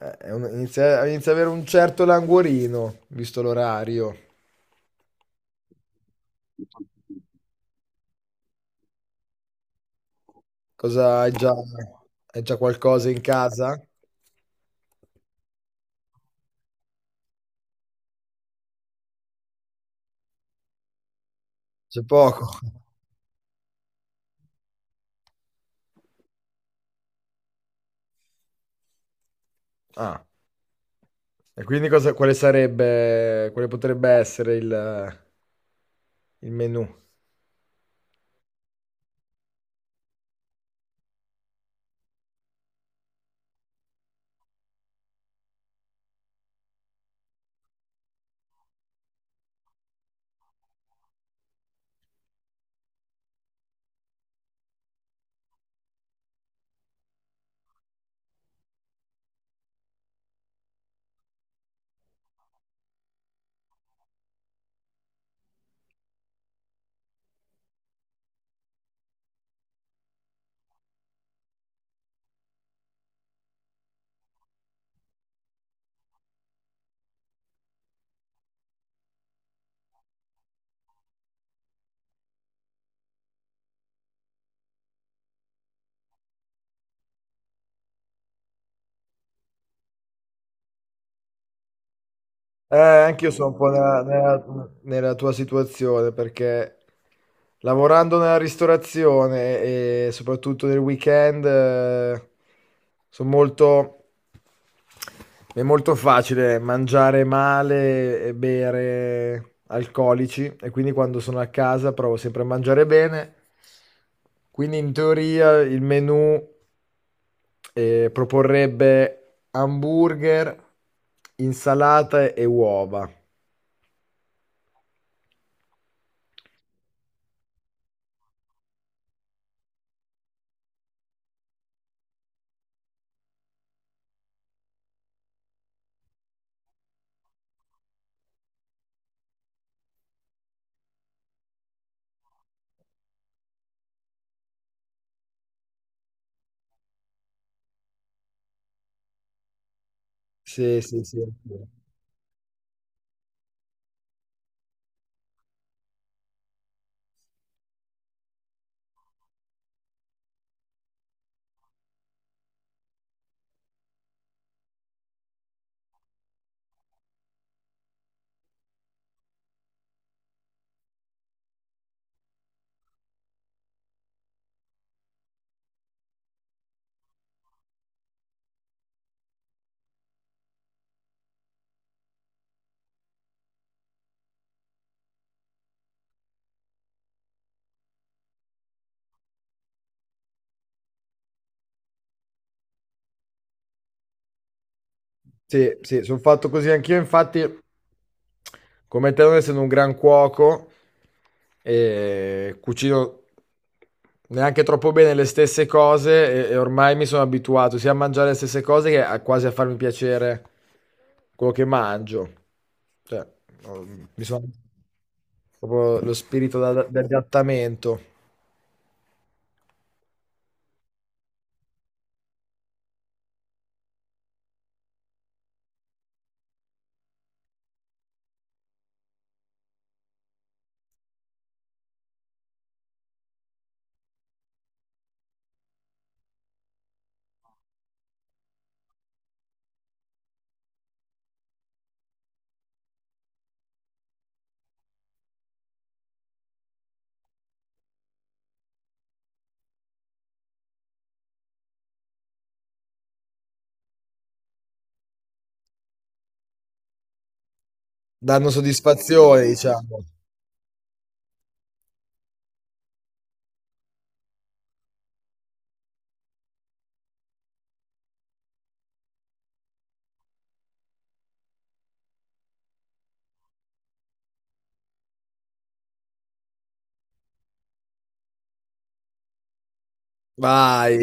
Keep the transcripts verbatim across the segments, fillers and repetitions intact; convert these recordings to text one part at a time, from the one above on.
Eh, è un- inizia, inizia ad avere un certo languorino, visto l'orario. Cosa hai già, hai già qualcosa in casa? C'è poco. Ah, e quindi cosa, quale sarebbe, quale potrebbe essere il, il menù? Eh, anche io sono un po' nella, nella- nella tua situazione perché lavorando nella ristorazione e soprattutto nel weekend, eh, sono molto è molto facile mangiare male e bere alcolici e quindi quando sono a casa provo sempre a mangiare bene. Quindi in teoria il menù eh, proporrebbe hamburger, insalata e uova. Sì, sì, sì. Sì, sì, sono fatto così anch'io, infatti, come te, non essendo un gran cuoco, eh, cucino neanche troppo bene le stesse cose e, e ormai mi sono abituato sia a mangiare le stesse cose che a, quasi a farmi piacere quello che mangio. Cioè, ho- mi sono proprio lo spirito da- da- di adattamento, danno soddisfazione, diciamo. Vai.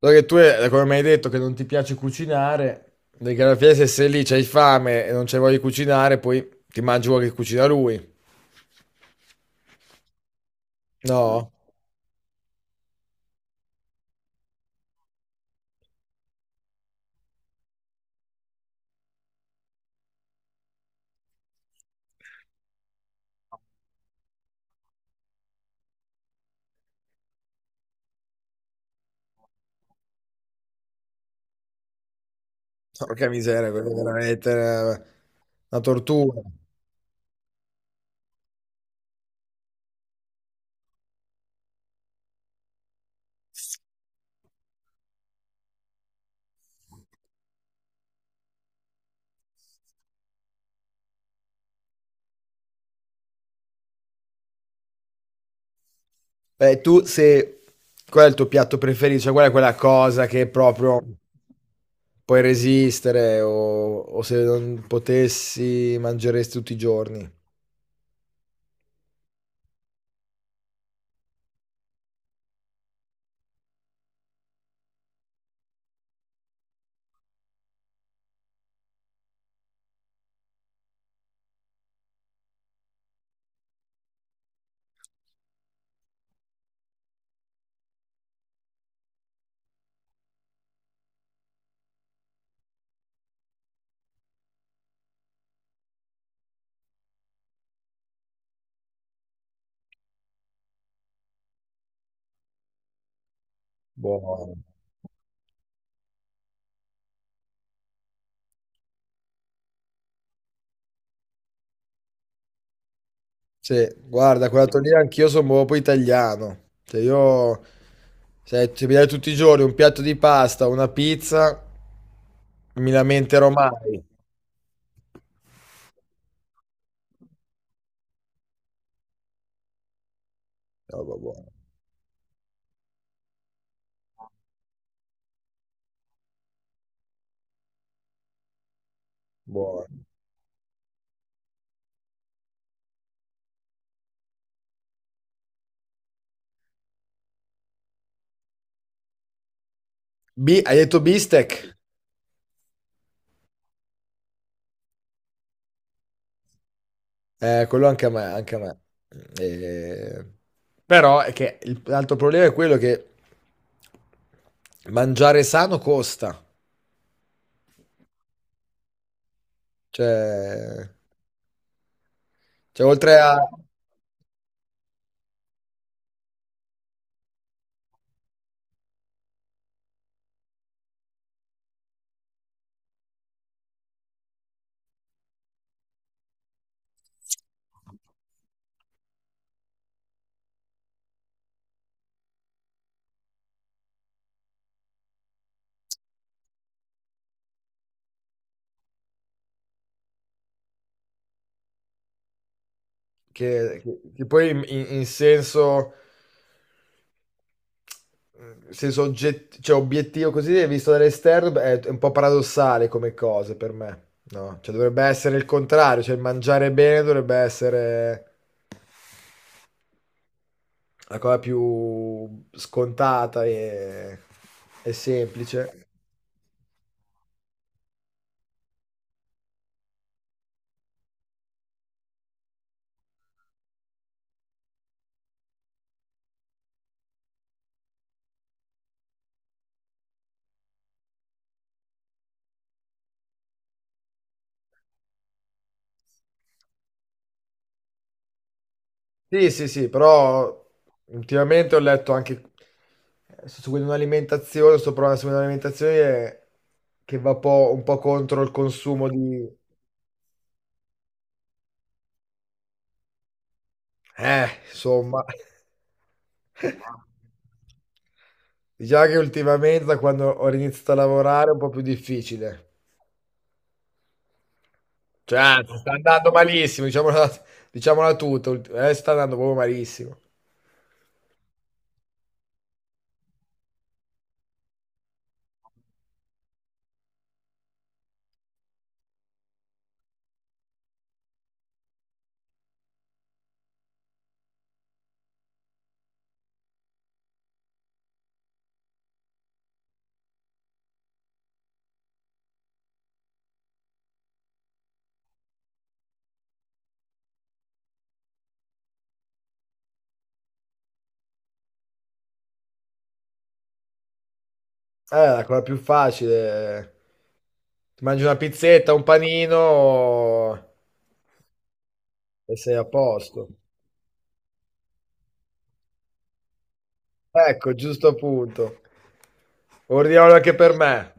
Allora che tu, eh, come mi hai detto, che non ti piace cucinare, perché alla fine se sei lì, c'hai fame e non c'hai voglia di cucinare, poi ti mangi quello che cucina lui. No? Porca miseria, quello è veramente una, una tortura. Beh, tu se... Qual è il tuo piatto preferito? Cioè, qual è quella cosa che proprio puoi resistere o, o se non potessi mangeresti tutti i giorni? Buono. Sì, guarda, quella tornina anch'io sono proprio italiano. Cioè io, se, se mi dai tutti i giorni un piatto di pasta, una pizza, mi lamenterò mai. No, bu- buono, buono. Bi- hai detto bistec? Eh, quello anche a me, anche a me. Eh, però è che il- l'altro problema è quello che mangiare sano costa. Cioè, cioè oltre a... Che, che- che poi in in- in senso... Nel senso ogget- cioè, obiettivo, così, visto dall'esterno, beh, è un po' paradossale come cosa per me, no? Cioè dovrebbe essere il contrario, cioè il mangiare bene dovrebbe essere la cosa più scontata e, e semplice. Sì, sì, sì, però ultimamente ho letto anche, eh, sto seguendo un'alimentazione, sto provando a seguire un'alimentazione che va po- un po' contro il consumo di... Eh, insomma, diciamo che ultimamente da quando ho iniziato a lavorare è un po' più difficile. Cioè, sta andando malissimo, diciamola, diciamola tutta, ult- eh, sta andando proprio malissimo. Eh, la cosa più facile, eh, ti mangi una pizzetta, un panino e sei a posto. Ecco, giusto appunto. Ordiniamolo anche per me.